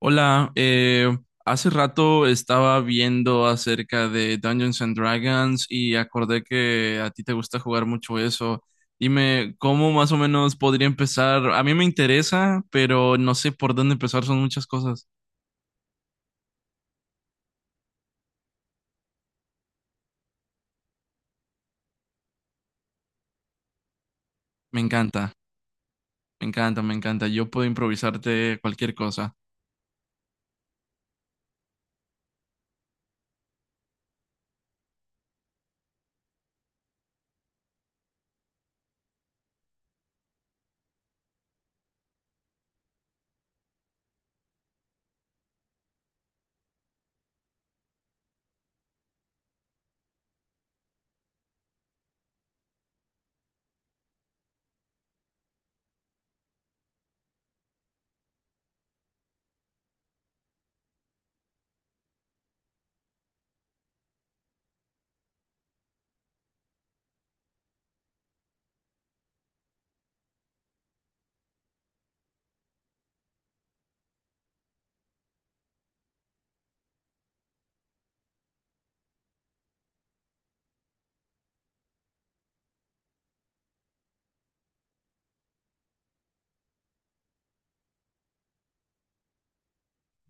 Hola, hace rato estaba viendo acerca de Dungeons and Dragons y acordé que a ti te gusta jugar mucho eso. Dime, ¿cómo más o menos podría empezar? A mí me interesa, pero no sé por dónde empezar, son muchas cosas. Me encanta, me encanta, me encanta. Yo puedo improvisarte cualquier cosa.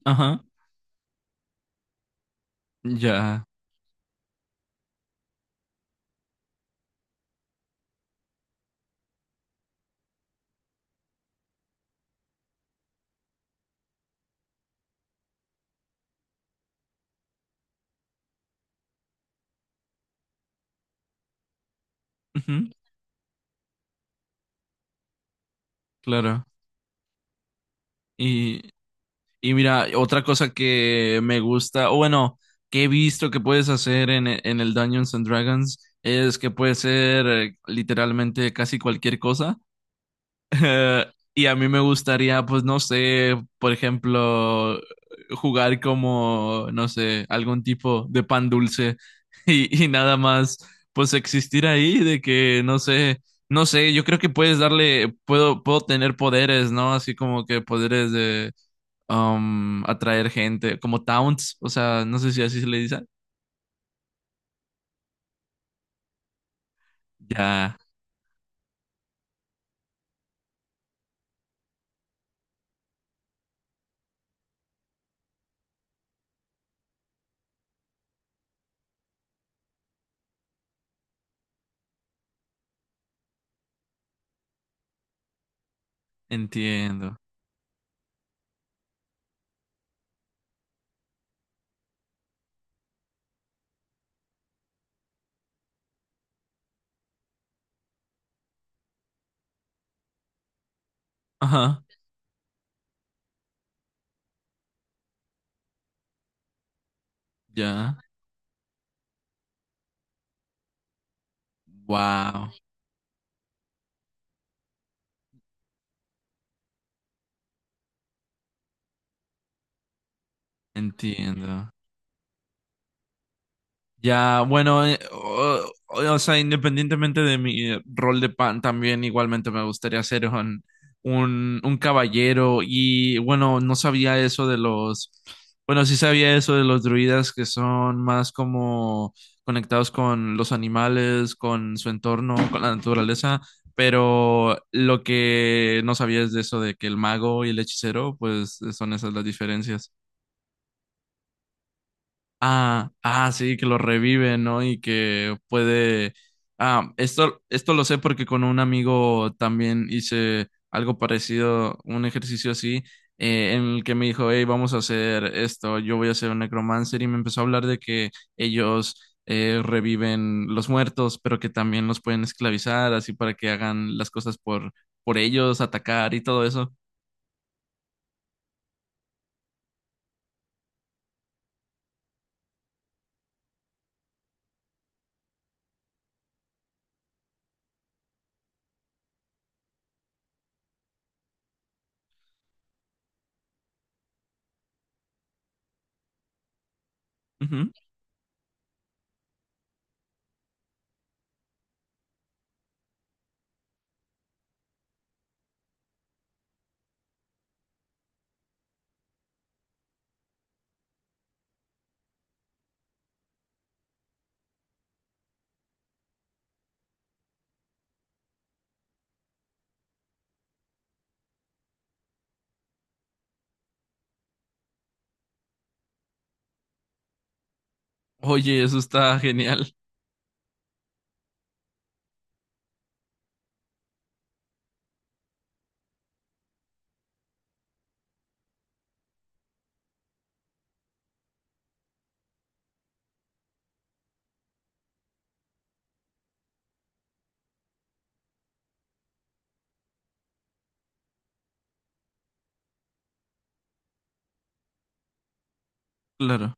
Ajá, ya. Ujú, claro. Y mira, otra cosa que me gusta, o bueno, que he visto que puedes hacer en, en el Dungeons and Dragons es que puede ser literalmente casi cualquier cosa. Y a mí me gustaría, pues no sé, por ejemplo, jugar como, no sé, algún tipo de pan dulce y nada más, pues existir ahí de que, no sé, no sé, yo creo que puedes darle, puedo, puedo tener poderes, ¿no? Así como que poderes de atraer gente, como towns, o sea, no sé si así se le dice. Ya, entiendo. Ajá, ya. Wow, entiendo. Ya, bueno, o, o sea, independientemente de mi rol de pan, también igualmente me gustaría ser un caballero. Y bueno, no sabía eso de los, bueno, sí sabía eso de los druidas que son más como conectados con los animales, con su entorno, con la naturaleza, pero lo que no sabía es de eso de que el mago y el hechicero, pues son esas las diferencias. Ah, ah, sí, que lo revive, ¿no? Y que puede. Ah, esto lo sé porque con un amigo también hice algo parecido, un ejercicio así, en el que me dijo, hey, vamos a hacer esto, yo voy a hacer un necromancer, y me empezó a hablar de que ellos reviven los muertos, pero que también los pueden esclavizar, así para que hagan las cosas por ellos, atacar y todo eso. Ujú. Oye, eso está genial, claro.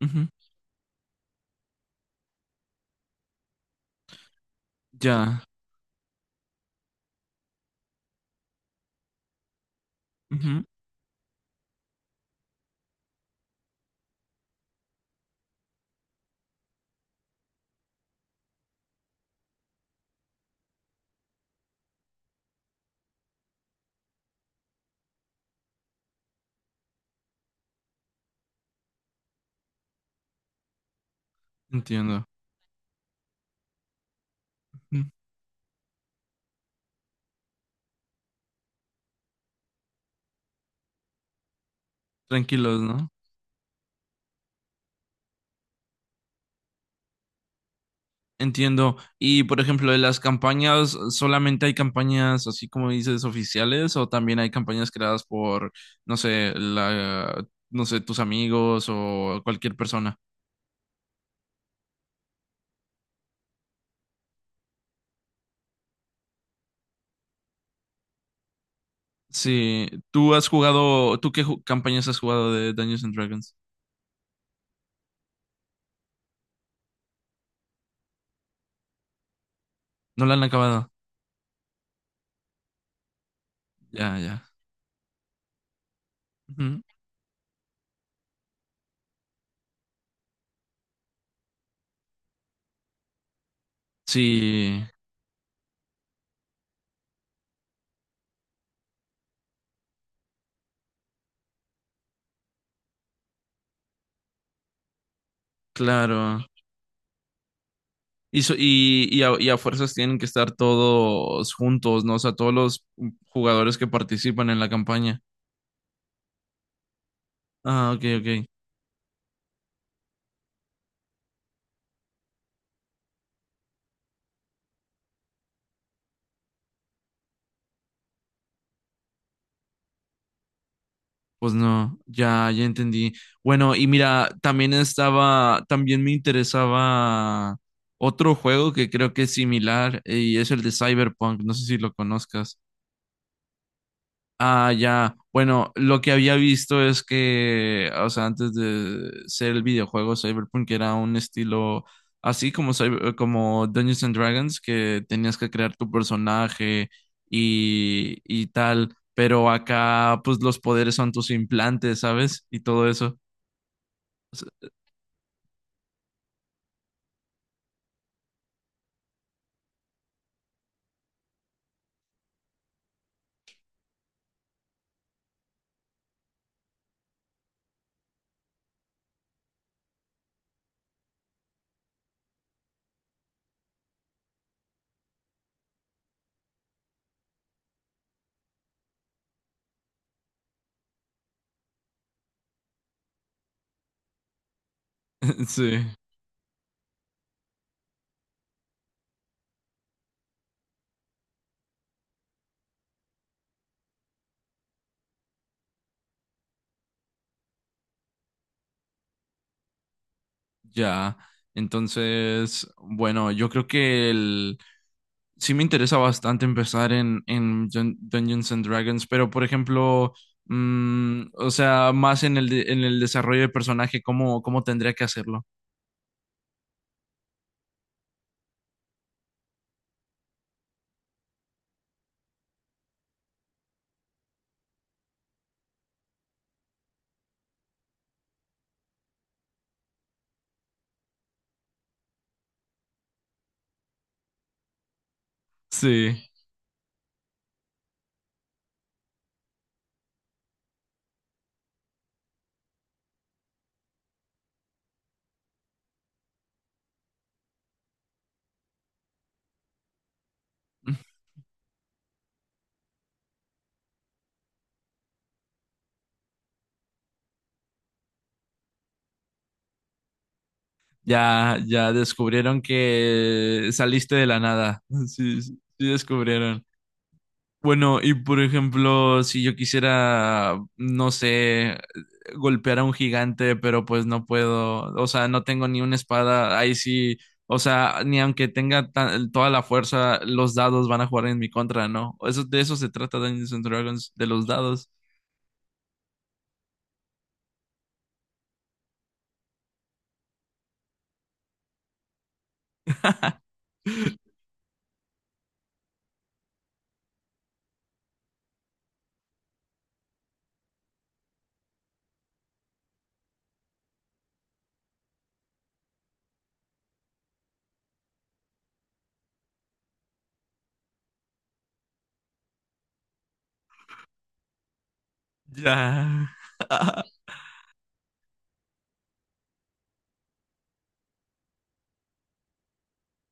Ujú. Ya. Ujú. Entiendo. Mm, tranquilos, ¿no? Entiendo. Y por ejemplo, de las campañas, ¿solamente hay campañas así como dices oficiales o también hay campañas creadas por, no sé, la, no sé, tus amigos o cualquier persona? Sí, ¿tú has jugado, tú qué campañas has jugado de Dungeons and Dragons? ¿No la han acabado? Ya, ya. Ujú. Sí, claro. Y, y a fuerzas tienen que estar todos juntos, ¿no? O sea, todos los jugadores que participan en la campaña. Ah, ok, ok. Pues no, ya, ya entendí. Bueno, y mira, también estaba, también me interesaba otro juego que creo que es similar y es el de Cyberpunk. No sé si lo conozcas. Ah, ya. Bueno, lo que había visto es que, o sea, antes de ser el videojuego Cyberpunk era un estilo así como, como Dungeons and Dragons, que tenías que crear tu personaje y tal, pero acá pues los poderes son tus implantes, ¿sabes? Y todo eso. Sí, ya. Entonces, bueno, yo creo que el sí me interesa bastante empezar en Dungeons and Dragons, pero por ejemplo, mm, o sea, más en el, en el desarrollo de personaje, ¿cómo, cómo tendría que hacerlo? Sí. Ya, ya descubrieron que saliste de la nada. Sí, sí descubrieron. Bueno, y por ejemplo, si yo quisiera, no sé, golpear a un gigante, pero pues no puedo, o sea, no tengo ni una espada, ahí sí, o sea, ni aunque tenga toda la fuerza, los dados van a jugar en mi contra, ¿no? Eso, de eso se trata Dungeons and Dragons, de los dados. Ya.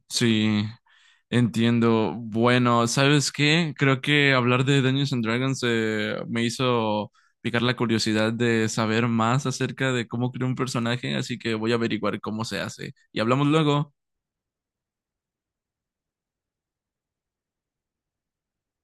Sí. Entiendo. Bueno, ¿sabes qué? Creo que hablar de Dungeons and Dragons me hizo picar la curiosidad de saber más acerca de cómo crear un personaje, así que voy a averiguar cómo se hace. Y hablamos luego.